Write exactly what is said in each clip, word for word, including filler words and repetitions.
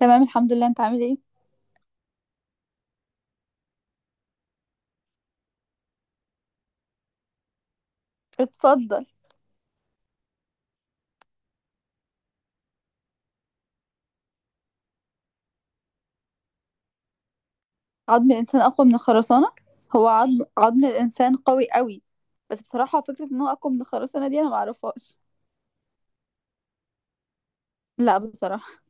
تمام الحمد لله، انت عامل ايه؟ اتفضل. عظم الانسان اقوى من الخرسانه؟ هو عظم عظم الانسان قوي قوي. بس بصراحه فكره ان هو اقوى من الخرسانه دي انا ما اعرفهاش. لا بصراحه.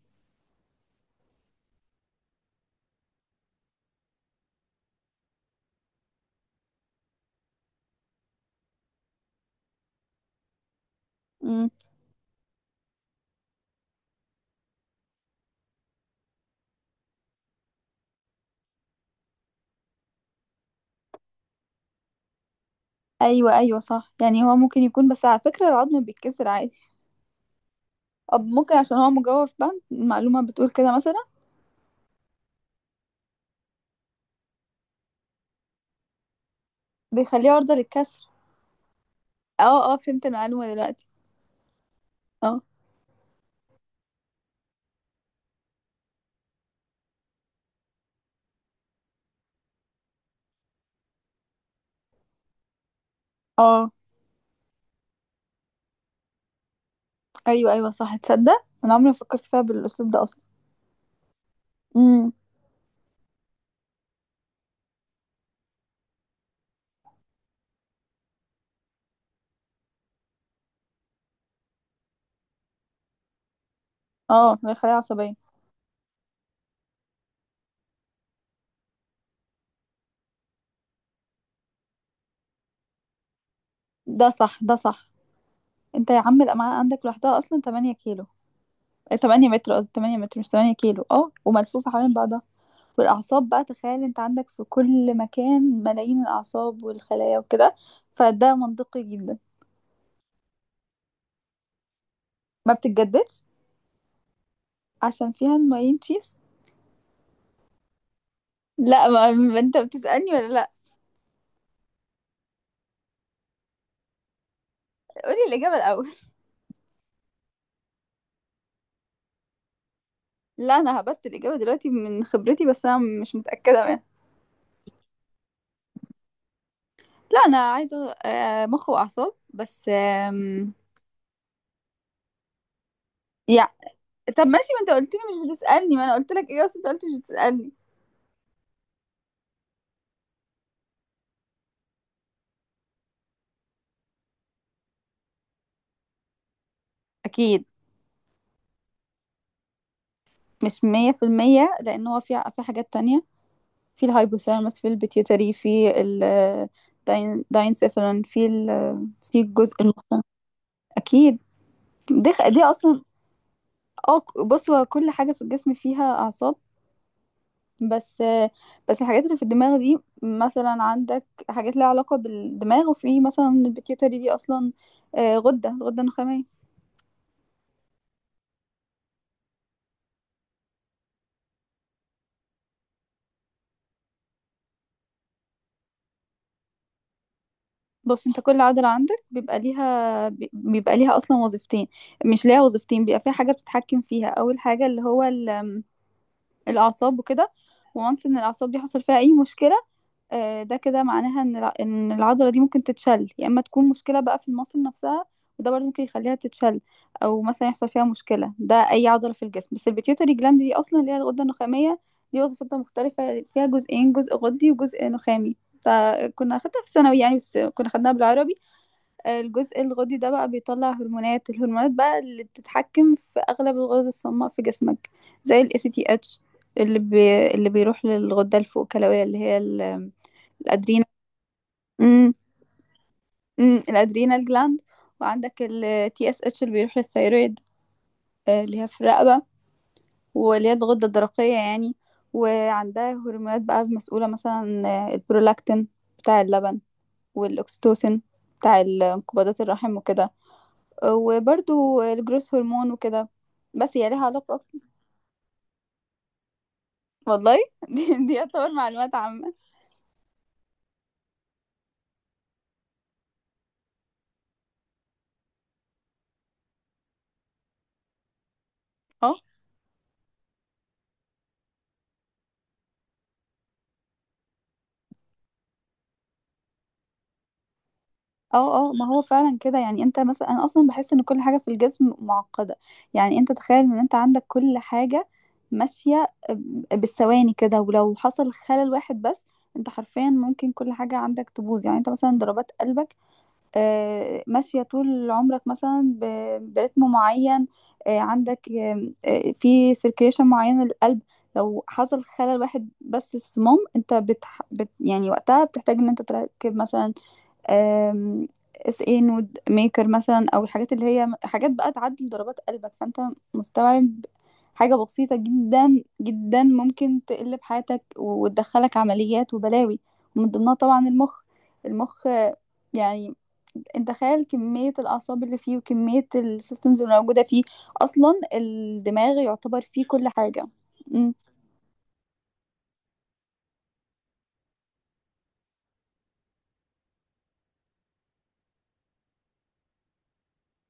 امم ايوه ايوه صح، يعني هو ممكن يكون، بس على فكره العظم بيتكسر عادي. طب ممكن عشان هو مجوف بند المعلومه بتقول كده مثلا. بيخليه عرضه للكسر. اه اه فهمت المعلومه دلوقتي. اه اه ايوه ايوه صح، تصدق انا عمري ما فكرت فيها بالاسلوب ده اصلا. امم اه بيخليها عصبيه. ده صح ده صح. انت يا عم الامعاء عندك لوحدها اصلا تمانية كيلو. آه، تمانية متر قصدي، تمانية متر مش تمانية كيلو، اه، وملفوفه حوالين بعضها. والاعصاب بقى، تخيل انت عندك في كل مكان ملايين الاعصاب والخلايا وكده، فده منطقي جدا. ما بتتجددش عشان فيها الماين تشيز. لا، ما ما انت بتسألني ولا لا؟ قولي الإجابة الأول. لا أنا هبت الإجابة دلوقتي من خبرتي بس أنا مش متأكدة منها. لا أنا عايزة آه، مخ وأعصاب بس آم، يا. طب ماشي، ما انت قلت لي مش بتسألني، ما انا قلت لك ايه، بس انت قلت مش بتسألني. اكيد. مش مية في المية لان هو في في حاجات تانية. في الهايبوثالاموس في البيتيوتري في ال داينسيفالون في ال في الجزء المخ. اكيد. دي خ- دي اصلا. اه ك- بص هو كل حاجة في الجسم فيها اعصاب. بس بس الحاجات اللي في الدماغ دي، مثلا عندك حاجات ليها علاقة بالدماغ، وفي مثلا البيتيوتري دي اصلا آه، غدة غدة نخامية. بص انت كل عضلة عندك بيبقى ليها بي- بيبقى ليها اصلا وظيفتين، مش ليها وظيفتين، بيبقى فيها حاجة بتتحكم فيها اول حاجة اللي هو ال- الاعصاب وكده. وانس ان الاعصاب دي حصل فيها اي مشكلة، آه، ده كده معناها ان الع- ان العضلة دي ممكن تتشل، يا اما تكون مشكلة بقى في المصل نفسها، وده برضه ممكن يخليها تتشل. او مثلا يحصل فيها مشكلة، ده اي عضلة في الجسم. بس البيتيوتري جلاند دي اصلا اللي هي الغدة النخامية، دي وظيفتها مختلفة، فيها جزئين جزء غدي وجزء نخامي. فكنا اخدتها في الثانوي يعني، بس كنا خدناها بالعربي. الجزء الغدي ده بقى بيطلع هرمونات، الهرمونات بقى اللي بتتحكم في اغلب الغدد الصماء في جسمك، زي ال إيه سي تي إتش، اللي بي... اللي بيروح للغدة الفوقكلوية، اللي هي ال... الادرينال. امم امم الادرينال جلاند. وعندك ال T S H اللي بيروح للثيرويد، آه، اللي هي في الرقبة، واللي هي الغدة الدرقية يعني. وعندها هرمونات بقى مسؤولة، مثلا آه، البرولاكتين بتاع اللبن، والأكسيتوسين بتاع ال- انقباضات الرحم وكده، وبرضو الجروس هرمون وكده. بس هي ليها علاقة أكتر. والله، دي دي يعتبر معلومات عامة. اه اه اه، ما هو فعلا كده. يعني انت مثلا، انا اصلا بحس ان كل حاجة في الجسم معقدة. يعني انت تخيل ان انت عندك كل حاجة ماشية بالثواني كده، ولو حصل خلل واحد بس، انت حرفيا ممكن كل حاجة عندك تبوظ. يعني انت مثلا ضربات قلبك، آه، ماشية طول عمرك مثلا ب- برتم معين، آه، عندك آم، آه، في سيركيليشن معين للقلب. لو حصل خلل واحد بس في الصمام، انت بتح... بت... يعني وقتها بتحتاج ان انت تركب مثلا آم، اس اي نود ميكر مثلا، او الحاجات اللي هي حاجات بقى تعدل ضربات قلبك. فانت مستوعب، حاجة بسيطة جدا جدا ممكن تقلب حياتك وتدخلك عمليات وبلاوي. ومن ضمنها طبعا المخ. المخ آه، يعني انت تخيل كمية الأعصاب اللي فيه وكمية السيستمز اللي موجودة فيه. أصلا الدماغ يعتبر فيه كل حاجة. أمم،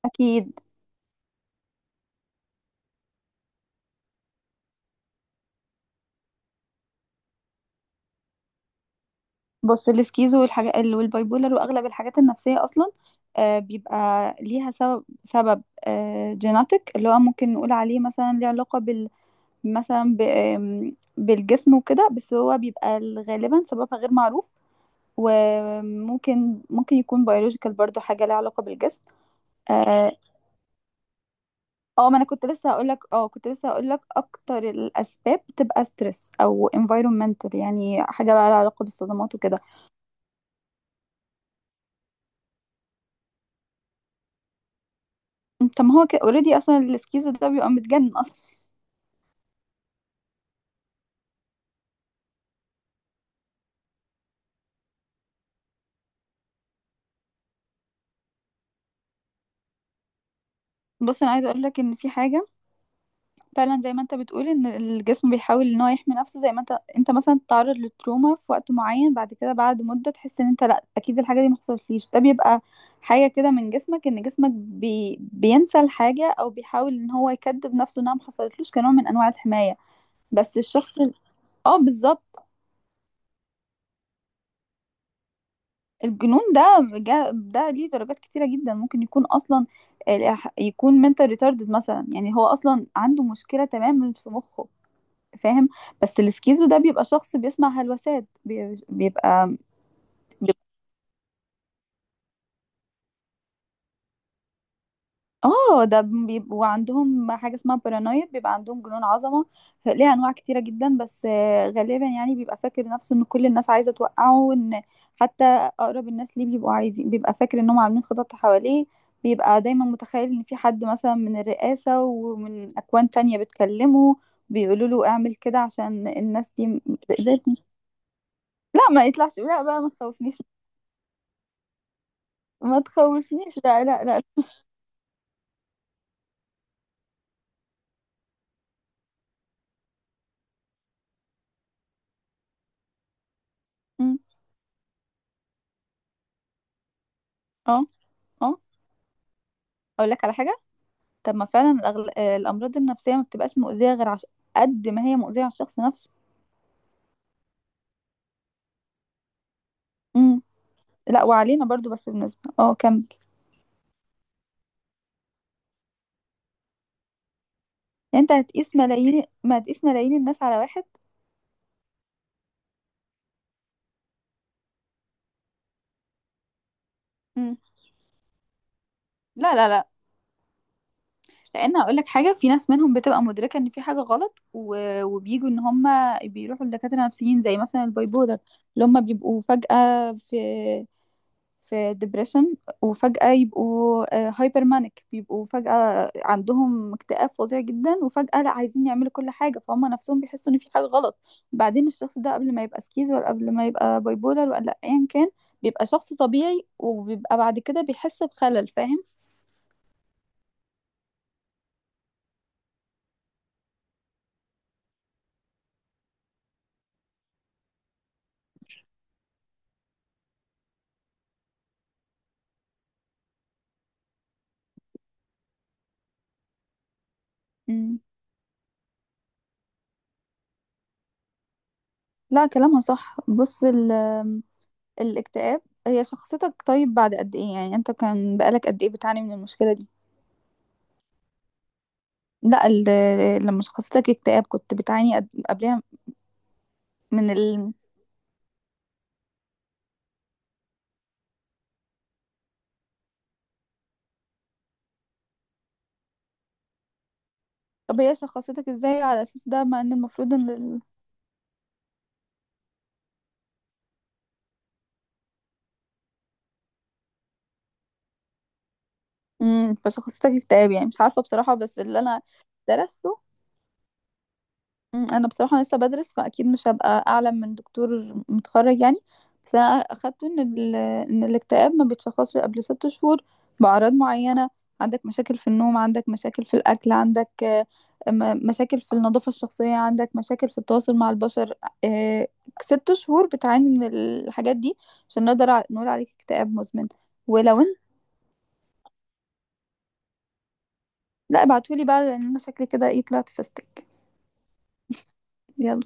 أكيد. بص السكيزو والحاجات والبايبولر واغلب الحاجات النفسيه اصلا آه، بيبقى ليها سبب، سبب جيناتيك اللي هو ممكن نقول عليه مثلا ليه علاقه بال، مثلا ب- آم، بالجسم وكده. بس هو بيبقى غالبا سببها غير معروف، وممكن ممكن يكون بيولوجيكال، برضو حاجه ليها علاقه بالجسم. اه آه، ما انا كنت لسه هقول لك، اه كنت لسه هقول لك، اكتر الاسباب بتبقى ستريس او environmental، يعني حاجه بقى لها علاقه بالصدمات وكده. طب ما هو كده اوريدي اصلا الاسكيزو ده بيبقى متجنن اصلا. بص انا عايزه اقول لك ان في حاجه، فعلا زي ما انت بتقول، ان الجسم بيحاول ان هو يحمي نفسه. زي ما انت انت مثلا تتعرض للتروما في وقت معين، بعد كده بعد مده تحس ان انت لا اكيد الحاجه دي ما حصلتليش. ده بيبقى حاجه كده من جسمك، ان جسمك بي... بينسى الحاجه، او بيحاول ان هو يكذب نفسه انها ما حصلتلوش، كنوع من انواع الحمايه. بس الشخص ال- اه بالظبط. الجنون ده جا- ده ليه درجات كتيرة جدا. ممكن يكون أصلا الإح- يكون mental retarded مثلا، يعني هو أصلا عنده مشكلة تماما في مخه، فاهم. بس السكيزو ده بيبقى شخص بيسمع هلوسات، بي- بيبقى اه ده بيبقوا عندهم حاجة اسمها بارانويد، بيبقى عندهم جنون عظمة. ليها انواع كتيرة جدا، بس آه، غالبا يعني بيبقى فاكر نفسه ان كل الناس عايزة توقعه، وان حتى اقرب الناس ليه بيبقوا عايزين، بيبقى فاكر انهم عاملين خطط حواليه. بيبقى دايما متخيل ان في حد مثلا من الرئاسة ومن اكوان تانية بتكلمه، بيقولوا له اعمل كده عشان الناس دي م- زي لا ما يطلعش، لا بقى ما تخوفنيش. ما تخوفنيش بقى، لا لا لا. م. اه اه. اقول لك على حاجة. طب ما فعلا الأغل... آه، الأمراض النفسية ما بتبقاش مؤذية غير عش... قد ما هي مؤذية على الشخص نفسه. امم لا وعلينا برضو، بس بالنسبة اه كمل. يعني انت هتقيس ملايين، ما هتقيس ملايين الناس على واحد. امم لا لا لا، لأن هقول لك حاجة، في ناس منهم بتبقى مدركة إن في حاجة غلط و... وبيجوا إن هم بيروحوا لدكاترة نفسيين، زي مثلا البايبولر اللي هم بيبقوا فجأة في في ديبريشن وفجأة يبقوا هايبر مانيك، بيبقوا فجأة عندهم اكتئاب فظيع جدا، وفجأة لا عايزين يعملوا كل حاجة، فهم نفسهم بيحسوا ان في حاجة غلط. بعدين الشخص ده قبل ما يبقى سكيز ولا قبل ما يبقى بايبولر ولا ايا كان، بيبقى شخص طبيعي، وبيبقى بعد كده بيحس بخلل، فاهم. مم. لا كلامها صح. بص ال- الاكتئاب، هي شخصيتك طيب بعد قد ايه؟ يعني انت كان بقالك قد ايه بتعاني من المشكلة دي؟ لا ال- لما شخصيتك اكتئاب كنت بتعاني قد- قبلها من ال؟ طب هي شخصيتك ازاي على اساس ده، مع ان المفروض ان ال... امم فشخصيتك اكتئاب يعني، مش عارفة بصراحة، بس اللي انا درسته، مم، انا بصراحه لسه بدرس، فاكيد مش هبقى اعلم من دكتور متخرج يعني. بس انا اخدته ان ال... ان الاكتئاب ما بيتشخصش قبل ست شهور، باعراض معينه: عندك مشاكل في النوم، عندك مشاكل في الاكل، عندك آه، م- مشاكل في النظافه الشخصيه، عندك مشاكل في التواصل مع البشر، آه، ست شهور بتعاني من الحاجات دي عشان نقدر ع- نقول عليك اكتئاب مزمن. ولو انت، لا ابعتولي بقى، لان انا شكلي كده ايه طلعت فستك. يلا.